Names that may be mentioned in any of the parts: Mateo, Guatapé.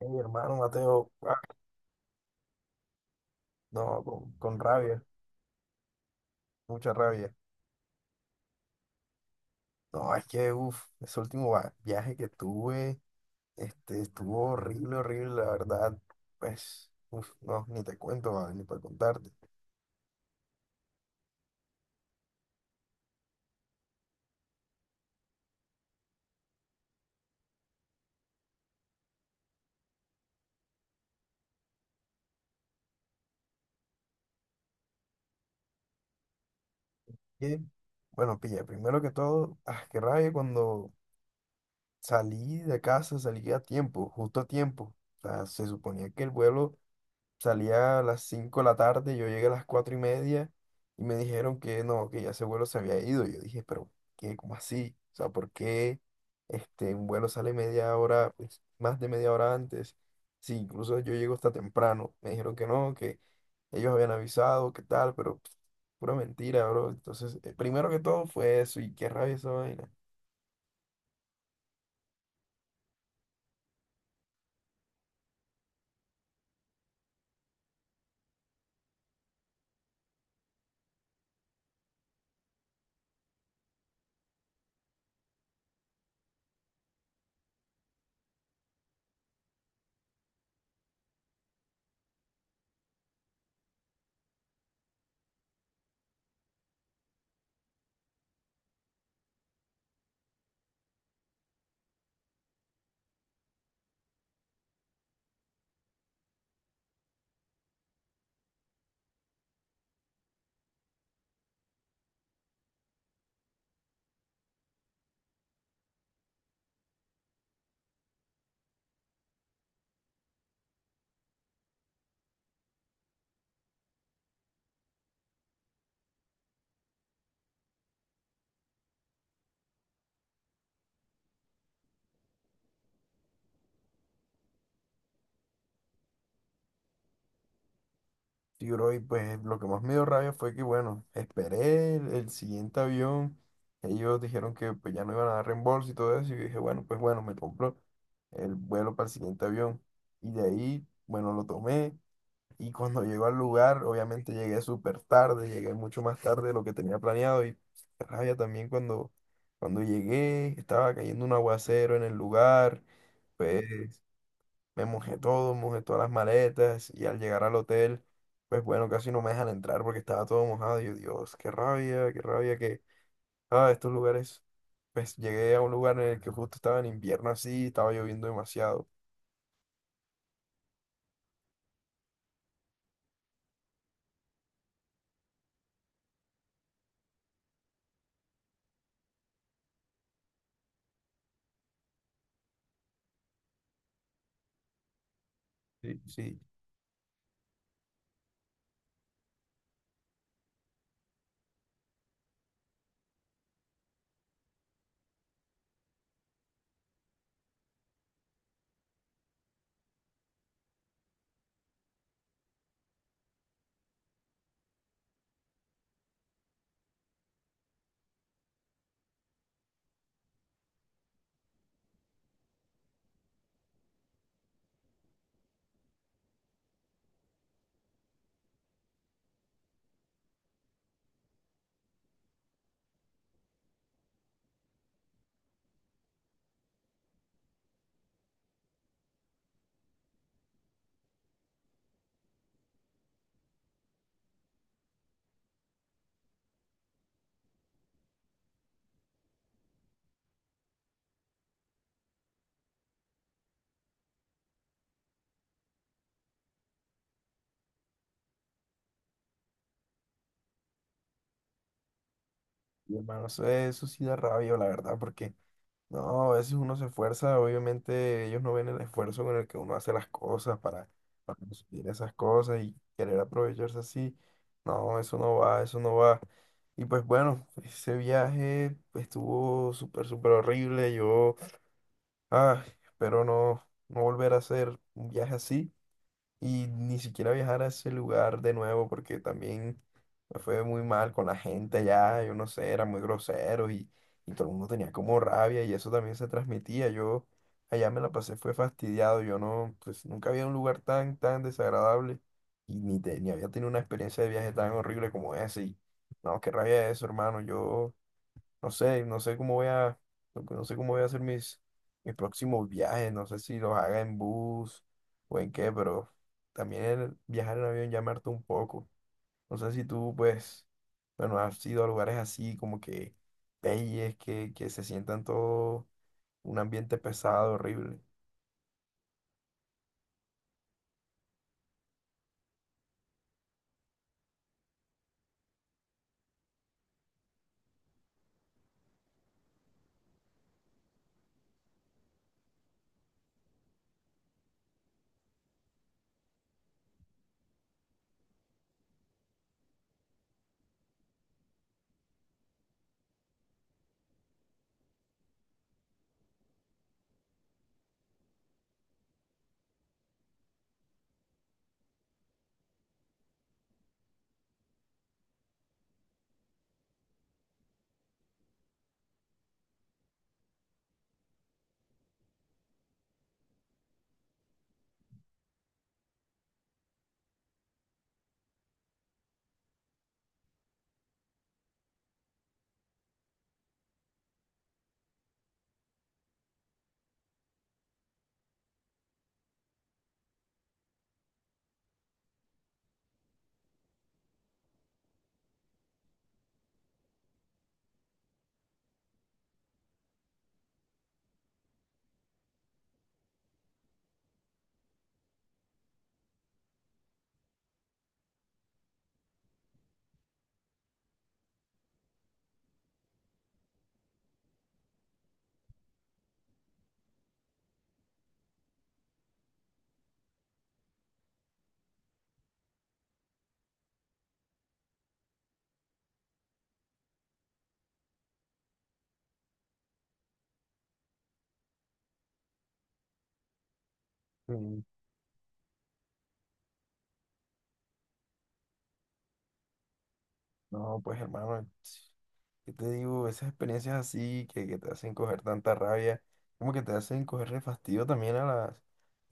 Mi hermano Mateo, no, con rabia, mucha rabia. No, es que, uff, ese último viaje que tuve, estuvo horrible, horrible, la verdad. Pues, uff, no, ni te cuento, va, ni para contarte. Que, bueno, pilla, primero que todo, qué rabia cuando salí de casa, salí a tiempo, justo a tiempo. O sea, se suponía que el vuelo salía a las 5 de la tarde, yo llegué a las 4 y media y me dijeron que no, que ya ese vuelo se había ido. Yo dije, pero ¿qué? ¿Cómo así? O sea, ¿por qué un vuelo sale media hora, pues, más de media hora antes? Sí, incluso yo llego hasta temprano. Me dijeron que no, que ellos habían avisado, que tal, pero pff, pura mentira, bro. Entonces, primero que todo fue eso y qué rabia esa vaina. Sí, bro, y pues lo que más me dio rabia fue que, bueno, esperé el siguiente avión. Ellos dijeron que pues, ya no iban a dar reembolso y todo eso. Y yo dije, bueno, pues bueno, me compro el vuelo para el siguiente avión. Y de ahí, bueno, lo tomé. Y cuando llego al lugar, obviamente llegué súper tarde, llegué mucho más tarde de lo que tenía planeado. Y qué rabia también cuando llegué, estaba cayendo un aguacero en el lugar. Pues me mojé todo, mojé todas las maletas y al llegar al hotel, pues bueno, casi no me dejan entrar porque estaba todo mojado. Y yo, Dios, qué rabia que, estos lugares, pues llegué a un lugar en el que justo estaba en invierno así, estaba lloviendo demasiado. Sí. Sí, y hermano, eso sí da rabia, la verdad, porque no, a veces uno se esfuerza, obviamente ellos no ven el esfuerzo con el que uno hace las cosas para conseguir esas cosas y querer aprovecharse así. No, eso no va, eso no va. Y pues bueno, ese viaje pues, estuvo súper, súper horrible. Yo, espero no, no volver a hacer un viaje así y ni siquiera viajar a ese lugar de nuevo porque también me fue muy mal con la gente allá, yo no sé, eran muy groseros y todo el mundo tenía como rabia y eso también se transmitía. Yo allá me la pasé, fue fastidiado, yo no, pues nunca había un lugar tan, tan desagradable y ni, ni había tenido una experiencia de viaje tan horrible como ese y no, qué rabia eso, hermano, yo... No sé, no sé cómo voy a, no sé cómo voy a hacer mis, mis próximos viajes, no sé si los haga en bus o en qué, pero también el viajar en avión ya me hartó un poco. No sé si tú, pues, bueno, has ido a lugares así como que peyes, que se sientan todo un ambiente pesado, horrible. Mm, No, pues hermano, ¿qué te digo? Esas experiencias así que te hacen coger tanta rabia, como que te hacen cogerle fastidio también a las,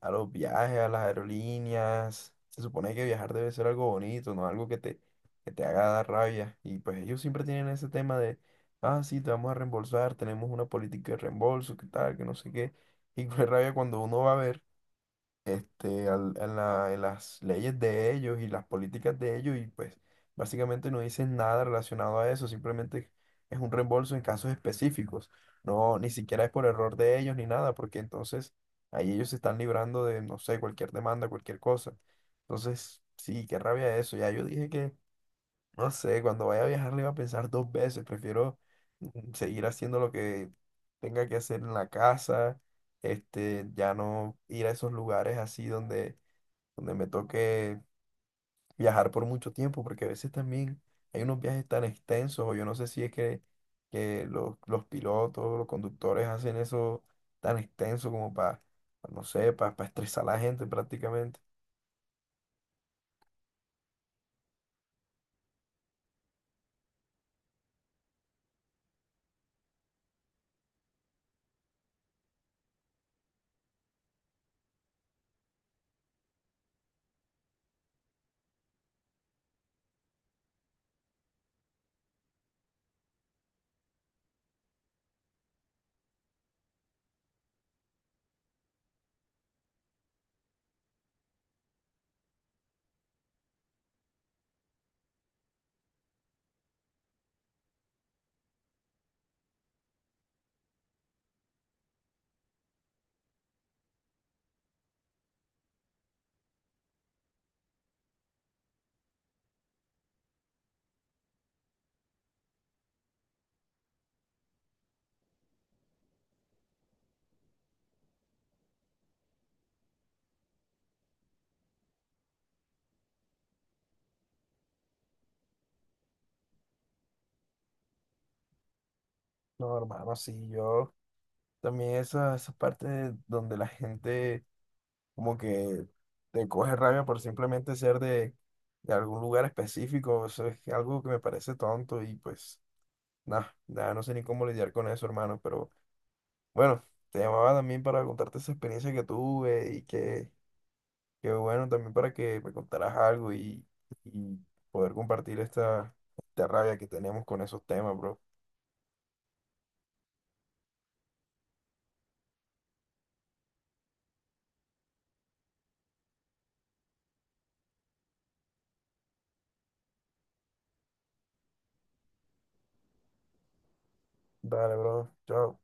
a los viajes, a las aerolíneas. Se supone que viajar debe ser algo bonito, no algo que te haga dar rabia. Y pues ellos siempre tienen ese tema de, sí, te vamos a reembolsar, tenemos una política de reembolso, qué tal, que no sé qué. Y pues rabia cuando uno va a ver en las leyes de ellos y las políticas de ellos y pues básicamente no dicen nada relacionado a eso, simplemente es un reembolso en casos específicos, no, ni siquiera es por error de ellos ni nada, porque entonces ahí ellos se están librando de, no sé, cualquier demanda, cualquier cosa. Entonces, sí, qué rabia eso, ya yo dije que no sé, cuando vaya a viajar le iba a pensar dos veces. Prefiero seguir haciendo lo que tenga que hacer en la casa. Ya no ir a esos lugares así donde, donde me toque viajar por mucho tiempo, porque a veces también hay unos viajes tan extensos, o yo no sé si es que los pilotos, los conductores hacen eso tan extenso como para, no sé, para estresar a la gente prácticamente. No, hermano, sí, yo también esa parte donde la gente como que te coge rabia por simplemente ser de algún lugar específico, eso es algo que me parece tonto y pues nada, nada, no sé ni cómo lidiar con eso, hermano, pero bueno, te llamaba también para contarte esa experiencia que tuve y que bueno, también para que me contaras algo y poder compartir esta, esta rabia que tenemos con esos temas, bro. Dale, bro, chao.